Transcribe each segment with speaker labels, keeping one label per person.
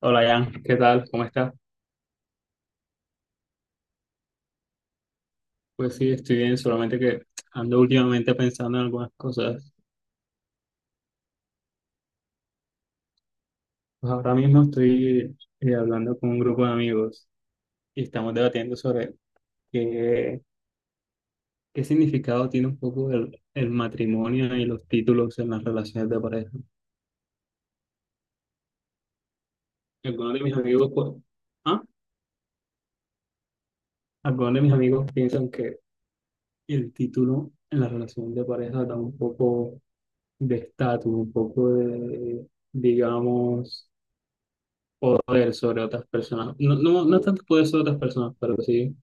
Speaker 1: Hola Jan, ¿qué tal? ¿Cómo estás? Pues sí, estoy bien, solamente que ando últimamente pensando en algunas cosas. Pues ahora mismo estoy hablando con un grupo de amigos y estamos debatiendo sobre qué, qué significado tiene un poco el matrimonio y los títulos en las relaciones de pareja. Algunos de mis amigos, pues, ¿ah? Algunos de mis amigos piensan que el título en la relación de pareja da un poco de estatus, un poco de, digamos, poder sobre otras personas. No, no, no tanto poder sobre otras personas, pero sí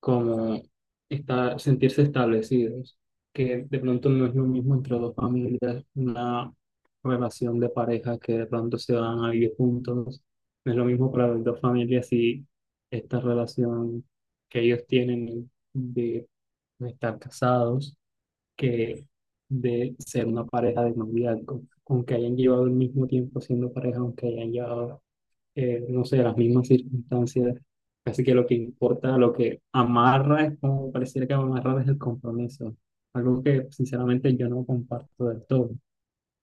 Speaker 1: como estar, sentirse establecidos, que de pronto no es lo mismo entre dos familias, una relación de pareja que de pronto se van a vivir juntos. No es lo mismo para las dos familias si esta relación que ellos tienen de estar casados que de ser una pareja de noviazgo, aunque hayan llevado el mismo tiempo siendo pareja, aunque hayan llevado no sé, las mismas circunstancias. Casi que lo que importa, lo que amarra es como pareciera que amarrar es el compromiso. Algo que sinceramente yo no comparto del todo,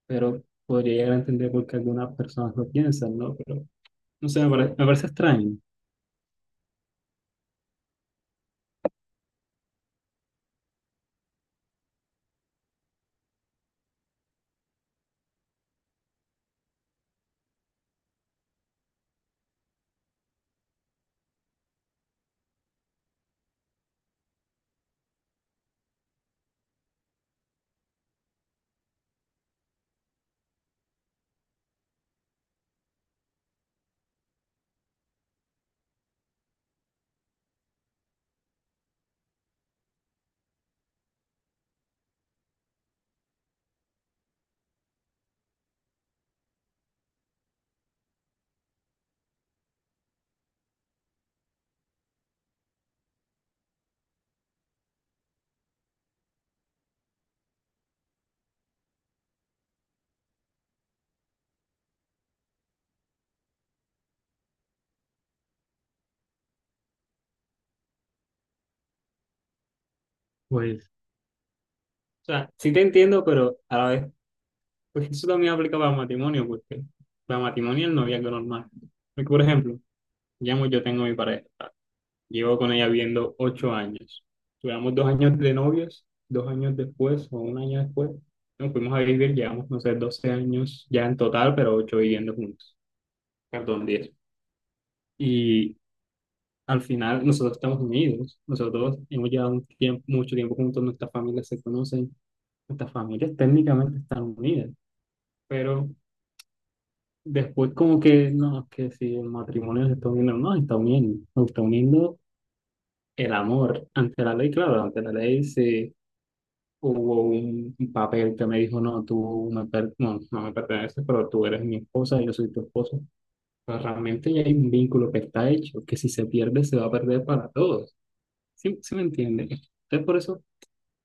Speaker 1: pero podría llegar a entender por qué algunas personas lo piensan, ¿no? Pero no sé, me parece extraño. Pues, o sea, sí te entiendo, pero a la vez, pues eso también aplica para el matrimonio, porque para el matrimonio y el noviazgo normal. Porque, por ejemplo, digamos, yo tengo mi pareja. Llevo con ella viendo 8 años. Duramos 2 años de novios, 2 años después o un año después. Nos fuimos a vivir, llevamos, no sé, 12 años ya en total, pero ocho viviendo juntos. Perdón, 10. Y al final nosotros estamos unidos. Nosotros hemos llevado un tiempo, mucho tiempo juntos, nuestras familias se conocen, nuestras familias técnicamente están unidas, pero después como que, no, es que si el matrimonio se está uniendo, no, se está uniendo el amor ante la ley, claro, ante la ley se hubo un papel que me dijo, no, no me perteneces, pero tú eres mi esposa, yo soy tu esposo. Pero realmente ya hay un vínculo que está hecho, que si se pierde se va a perder para todos. ¿Sí, sí me entiende? Entonces por eso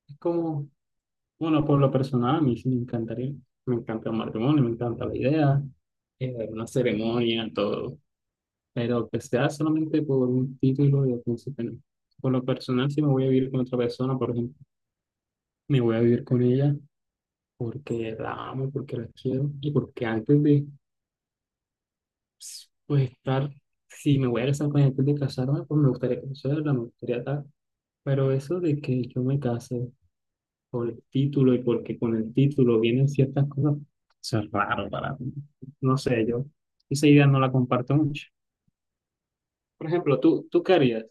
Speaker 1: es como, bueno, por lo personal a mí sí me encantaría, me encanta el matrimonio, me encanta la idea, una ceremonia, todo. Pero que sea solamente por un título de príncipe, no. Por lo personal, si me voy a vivir con otra persona, por ejemplo, me voy a vivir con ella porque la amo, porque la quiero y porque antes de pues, estar, si me voy a casar con ella antes de casarme, pues me gustaría conocerla, me gustaría tal. Pero eso de que yo me case por el título y porque con el título vienen ciertas cosas, eso es raro para mí. No sé, yo esa idea no la comparto mucho. Por ejemplo, tú qué harías.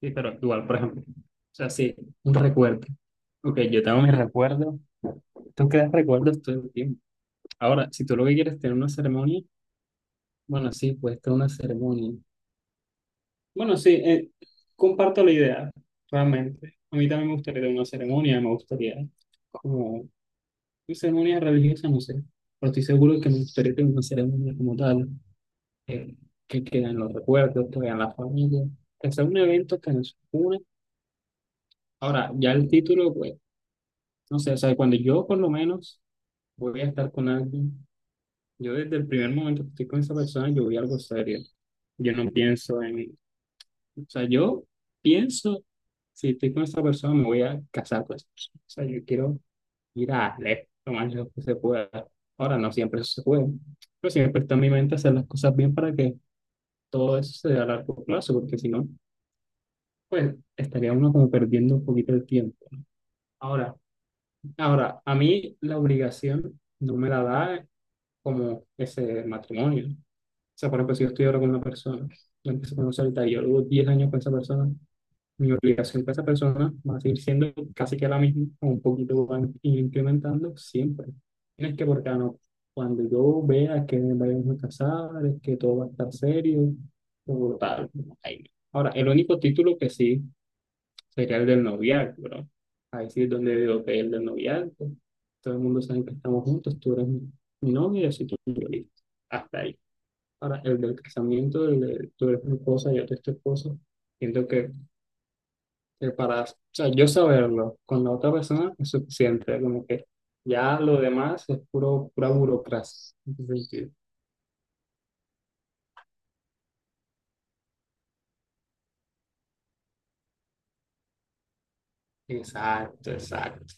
Speaker 1: Sí, pero igual, por ejemplo, o sea, sí, un recuerdo. Ok, yo tengo mis recuerdos. Tú creas recuerdos todo el tiempo. Ahora, si tú lo que quieres es tener una ceremonia, bueno, sí, pues que una ceremonia. Bueno, sí, comparto la idea, realmente. A mí también me gustaría tener una ceremonia, me gustaría como una ceremonia religiosa, no sé, pero estoy seguro que me gustaría tener una ceremonia como tal, eh, que queden los recuerdos, que vean la familia, que sea un evento que nos une. Ahora, ya el título, pues, no sé, o sea, cuando yo por lo menos voy a estar con alguien, yo desde el primer momento que estoy con esa persona, yo voy a algo serio. Yo no pienso en, o sea, yo pienso, si estoy con esta persona, me voy a casar con esa persona. O sea, yo quiero ir a lejos, lo más lejos que se pueda. Ahora, no siempre eso se puede, pero siempre está en mi mente hacer las cosas bien para que todo eso se dé a largo plazo, porque si no, pues estaría uno como perdiendo un poquito el tiempo. Ahora, ahora, a mí la obligación no me la da como ese matrimonio. O sea, por ejemplo, si yo estoy ahora con una persona, la empiezo a conocer ahorita y yo llevo 10 años con esa persona, mi obligación con esa persona va a seguir siendo casi que la misma, o un poquito van incrementando siempre. Tienes que, porque no, cuando yo vea que vayamos a casar, es que todo va a estar serio, o tal. Ahí no. Ahora, el único título que sí sería el del noviazgo, ¿no? Ahí sí es donde veo que el del noviazgo. Todo el mundo sabe que estamos juntos, tú eres mi novia y yo soy tu novio, hasta ahí. Ahora, el del casamiento, el de tú eres mi esposa, yo te estoy esposa, siento que para, o sea, yo saberlo con la otra persona es suficiente, como que ya lo demás es puro, pura burocracia. Entonces, sí, exacto, exacto.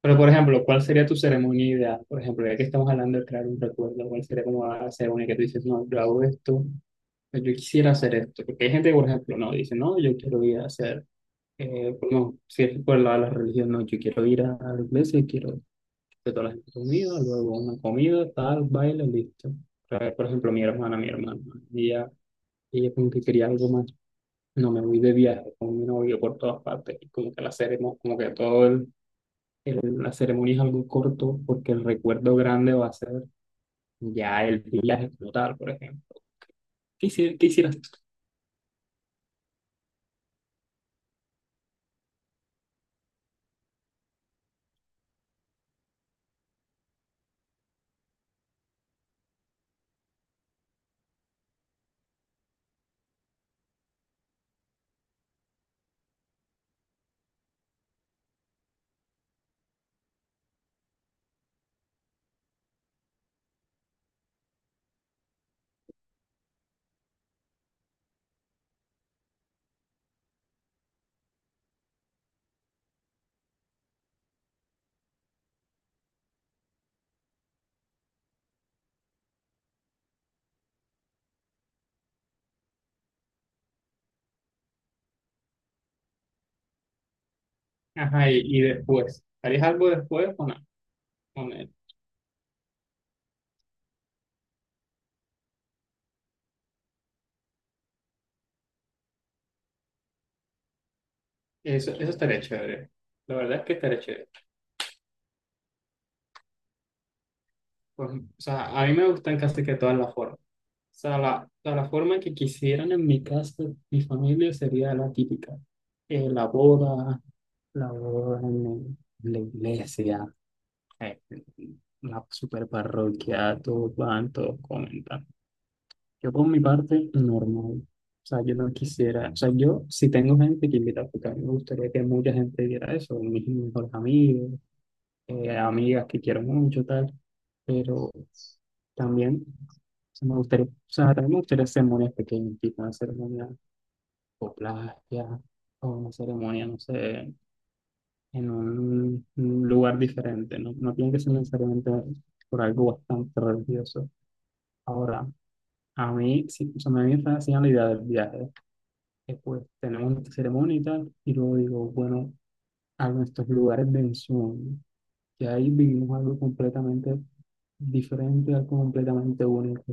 Speaker 1: Pero, por ejemplo, ¿cuál sería tu ceremonia ideal? Por ejemplo, ya que estamos hablando de crear un recuerdo, ¿cuál sería como la ceremonia que tú dices, no, yo hago esto, yo quisiera hacer esto? Porque hay gente que, por ejemplo, no, dice, no, yo quiero ir a hacer, no, si es por la religión, no, yo quiero ir a la iglesia, y quiero de todas las comidas, luego una comida, tal, baile, listo. Por ejemplo, mi hermana, ella, ella como que quería algo más. No, me voy de viaje con mi novio por todas partes. Y como que la ceremonia, como que todo la ceremonia es algo corto porque el recuerdo grande va a ser ya el viaje como tal, por ejemplo. ¿Qué hicieras tú? Ajá, y después, ¿harías algo después o no? Con él. Eso estaría chévere. La verdad es que estaría chévere. O sea, a mí me gustan casi que todas las formas. Sea, la forma que quisieran en mi casa, mi familia sería la típica. Eh, la boda, la boda en la iglesia, eh, la super parroquia, todos van, todos comentan. Yo por mi parte, normal. O sea, yo no quisiera, o sea, yo si tengo gente que invita, porque a mí me gustaría que mucha gente viera eso, mis mejores amigos, amigas que quiero mucho, tal, pero también o sea, me gustaría, o sea, también me gustaría ceremonias pequeñas, tipo una ceremonia o playa, o una ceremonia, no sé, en un lugar diferente, ¿no? No tiene que ser necesariamente por algo bastante religioso. Ahora, a mí, sí, o sea, me viene fascinando la idea del viaje. Después tenemos una ceremonia y tal, y luego digo, bueno, a nuestros lugares de ensueño, que ahí vivimos algo completamente diferente, algo completamente único.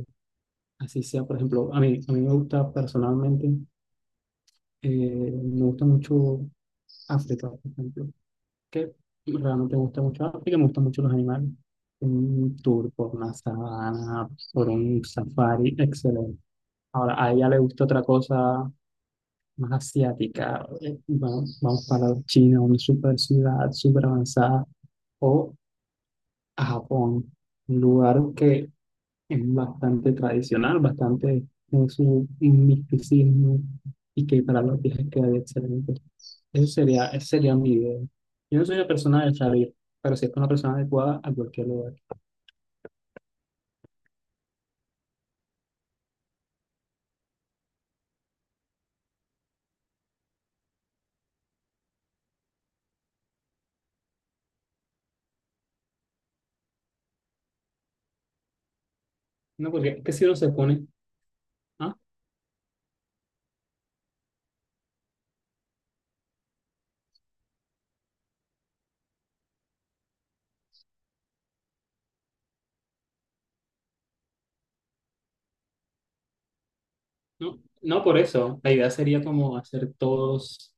Speaker 1: Así sea, por ejemplo, a mí me gusta personalmente, eh, me gusta mucho África, por ejemplo, que realmente me gusta mucho África, me gustan mucho los animales. Un tour por una sabana, por un safari, excelente. Ahora, a ella le gusta otra cosa más asiática. Vamos para China, una super ciudad, súper avanzada, o a Japón, un lugar que es bastante tradicional, bastante en su misticismo y que para los viajes quedaría excelente. Eso sería, ese sería mi idea. Yo no soy una persona de salir, pero sí es una persona adecuada a cualquier lugar. No, porque es que si uno se pone, ah, no, no por eso. La idea sería como hacer todos,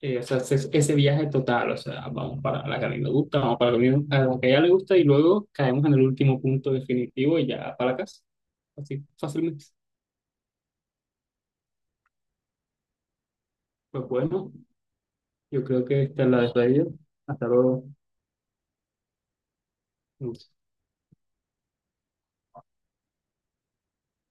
Speaker 1: o sea, ese viaje total, o sea, vamos para la que a mí me gusta, vamos para a lo que a ella le gusta y luego caemos en el último punto definitivo y ya para la casa. Así, fácilmente. Pues bueno. Yo creo que esta la dejo ahí. Hasta luego.